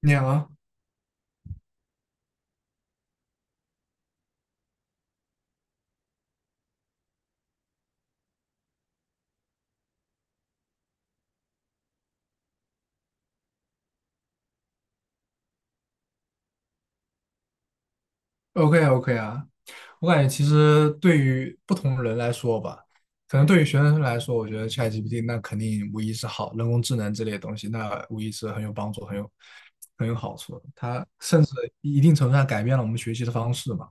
你好啊，OK OK 啊，我感觉其实对于不同人来说吧，可能对于学生来说，我觉得 ChatGPT 那肯定无疑是好，人工智能之类的东西，那无疑是很有帮助、很有好处的。它甚至一定程度上改变了我们学习的方式嘛。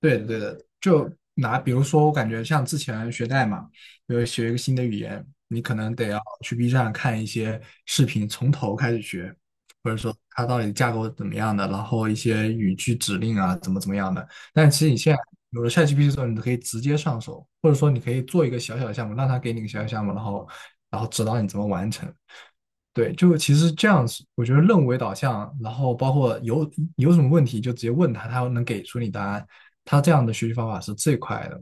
对的，对的，就拿比如说，我感觉像之前学代码，比如学一个新的语言，你可能得要去 B 站看一些视频，从头开始学，或者说它到底架构怎么样的，然后一些语句指令啊，怎么样的。但其实你现在有了 ChatGPT 之后，你可以直接上手，或者说你可以做一个小小的项目，让它给你一个小小项目，然后指导你怎么完成。对，就其实这样子，我觉得任务为导向，然后包括有什么问题就直接问他，他能给出你答案。他这样的学习方法是最快的。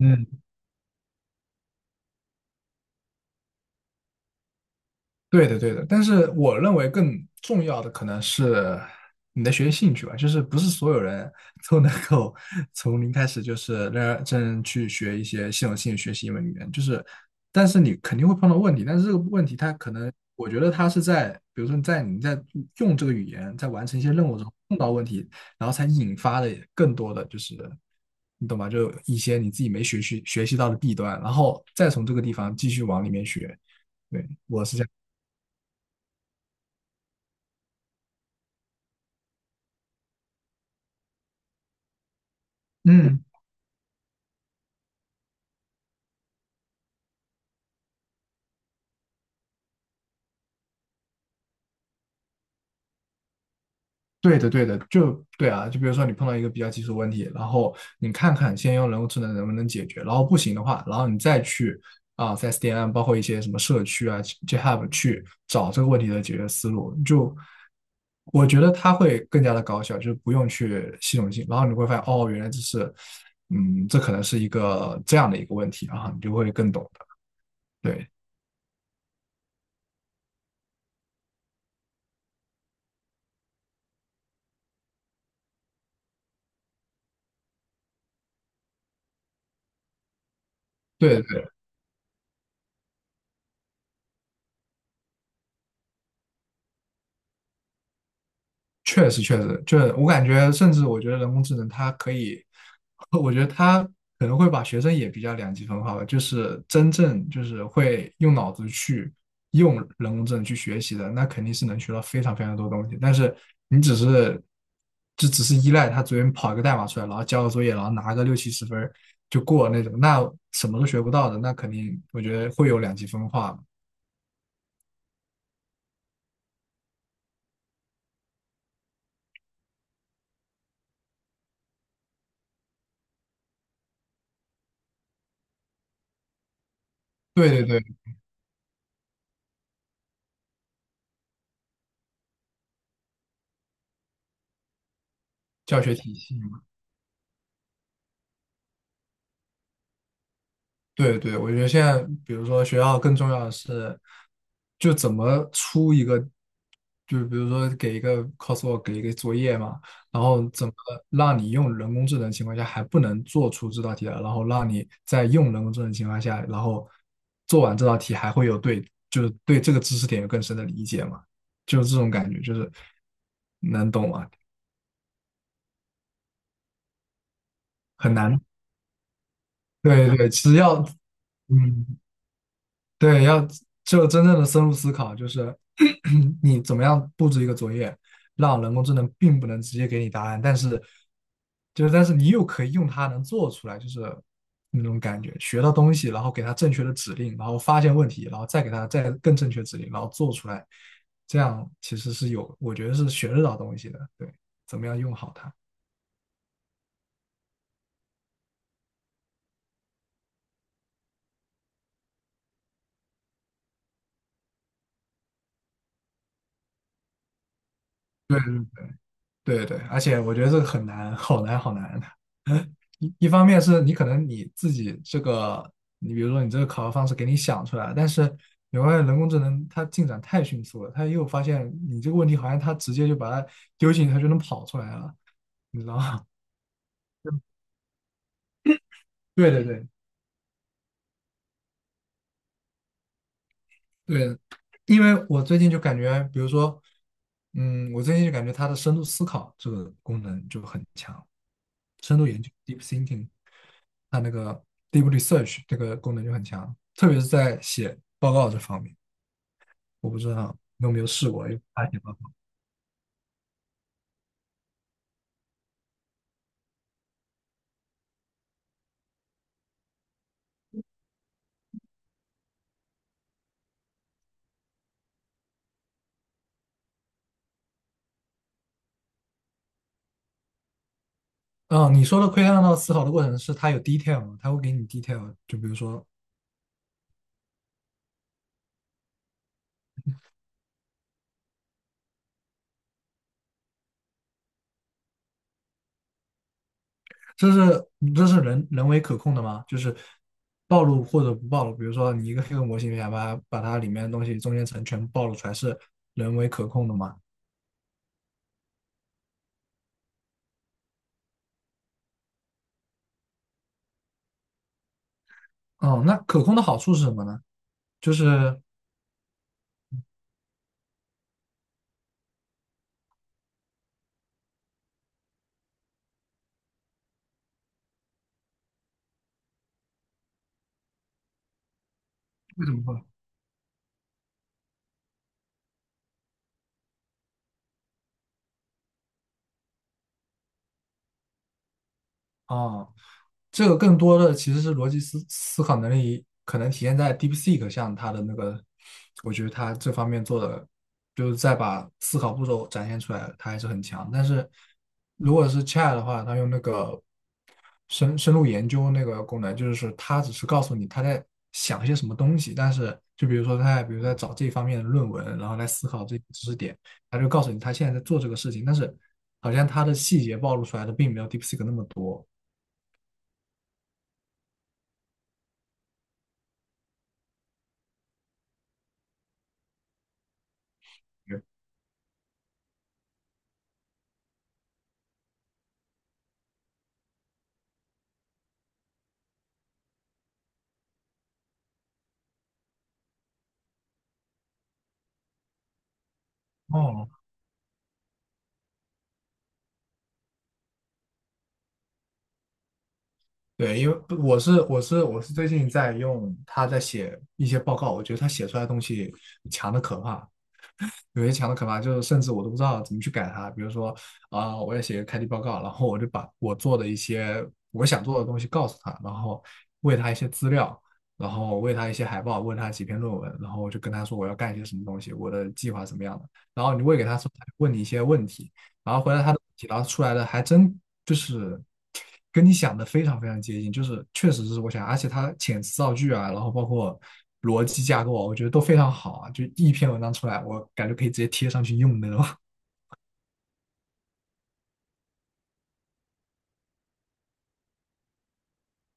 嗯。对的，对的，但是我认为更重要的可能是你的学习兴趣吧，就是不是所有人 都能够 从零开始就是认真去学一些系统性学习一门语言，就是，但是你肯定会碰到问题，但是这个问题它可能，我觉得它是在，比如说在你在用这个语言在完成一些任务中碰到问题，然后才引发的更多的就是，你懂吧？就一些你自己没学习到的弊端，然后再从这个地方继续往里面学，对，我是这样。嗯，对的，对的，就对啊，就比如说你碰到一个比较棘手问题，然后你看看先用人工智能能不能解决，然后不行的话，然后你再去啊，在 SDN 包括一些什么社区啊、GitHub 去找这个问题的解决思路，就我觉得它会更加的高效，就是不用去系统性，然后你会发现哦，原来这是，嗯，这可能是一个这样的一个问题，然后你就会更懂的，对，对对。确实确实，就是我感觉，甚至我觉得人工智能它可以，我觉得它可能会把学生也比较两极分化吧，就是真正就是会用脑子去用人工智能去学习的，那肯定是能学到非常非常多东西。但是你只是就只是依赖它随便跑一个代码出来，然后交个作业，然后拿个六七十分儿就过那种，那什么都学不到的，那肯定我觉得会有两极分化。对对对，教学体系。对对，我觉得现在，比如说学校更重要的是，就怎么出一个，就比如说给一个 coursework，给一个作业嘛，然后怎么让你用人工智能情况下还不能做出这道题来，然后让你在用人工智能情况下，然后做完这道题还会有对，就是对这个知识点有更深的理解嘛，就是这种感觉，就是能懂吗？很难。对对，只要，嗯，对，要就真正的深入思考，就是 你怎么样布置一个作业，让人工智能并不能直接给你答案，但是就是但是你又可以用它能做出来，就是那种感觉，学到东西，然后给它正确的指令，然后发现问题，然后再给它再更正确指令，然后做出来，这样其实是有，我觉得是学得到东西的。对，怎么样用好它？对。对对，而且我觉得这个很难，好难，好难。的。一方面是你可能你自己这个，你比如说你这个考核方式给你想出来，但是你会发现人工智能它进展太迅速了，它又发现你这个问题好像它直接就把它丢进去，它就能跑出来了，你知道吗？对对对，对，因为我最近就感觉，比如说，我最近就感觉它的深度思考这个功能就很强，深度研究 （deep thinking），它那个 deep research 这个功能就很强，特别是在写报告这方面。我不知道你有没有试过，用它写报告。嗯，你说的窥探到思考的过程是它有 detail 吗？它会给你 detail，就比如说这是这是人为可控的吗？就是暴露或者不暴露，比如说你一个黑客模型，你想把它里面的东西中间层全部暴露出来，是人为可控的吗？哦，那可控的好处是什么呢？就是为什么会？哦这个更多的其实是逻辑思考能力，可能体现在 DeepSeek 像它的那个，我觉得它这方面做的，就是在把思考步骤展现出来，它还是很强。但是如果是 Chat 的话，它用那个深入研究那个功能，就是说它只是告诉你它在想一些什么东西，但是就比如说它在比如在找这方面的论文，然后来思考这些知识点，它就告诉你它现在在做这个事情，但是好像它的细节暴露出来的并没有 DeepSeek 那么多。哦，对，因为我是最近在用他在写一些报告，我觉得他写出来的东西强的可怕，有些强的可怕，就是甚至我都不知道怎么去改它。比如说啊、我要写个开题报告，然后我就把我做的一些我想做的东西告诉他，然后喂他一些资料，然后喂他一些海报，问他几篇论文，然后我就跟他说我要干一些什么东西，我的计划怎么样的。然后你喂给他说，他就问你一些问题，然后回来，他的问题，然后出来的还真就是跟你想的非常非常接近，就是确实是我想，而且他遣词造句啊，然后包括逻辑架构啊，我觉得都非常好啊，就一篇文章出来，我感觉可以直接贴上去用的那种。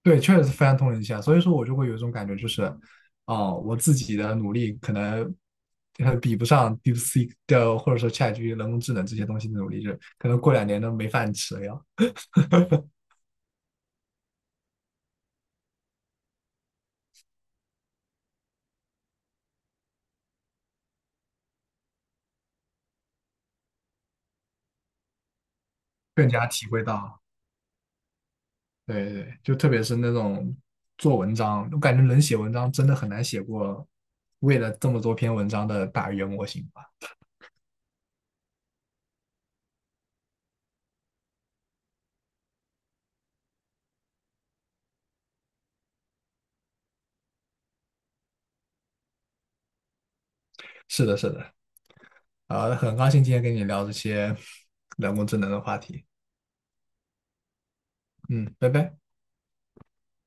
对，确实是非常通人性啊，所以说我就会有一种感觉，就是哦、我自己的努力可能。比不上 DeepSeek 的，或者说 ChatG p t 人工智能这些东西的努力，就可能过两年都没饭吃了要，更加体会到。对对，就特别是那种做文章，我感觉能写文章真的很难写过为了这么多篇文章的大语言模型吧。是的，是的，啊，很高兴今天跟你聊这些 人工智能的话题。嗯，拜拜。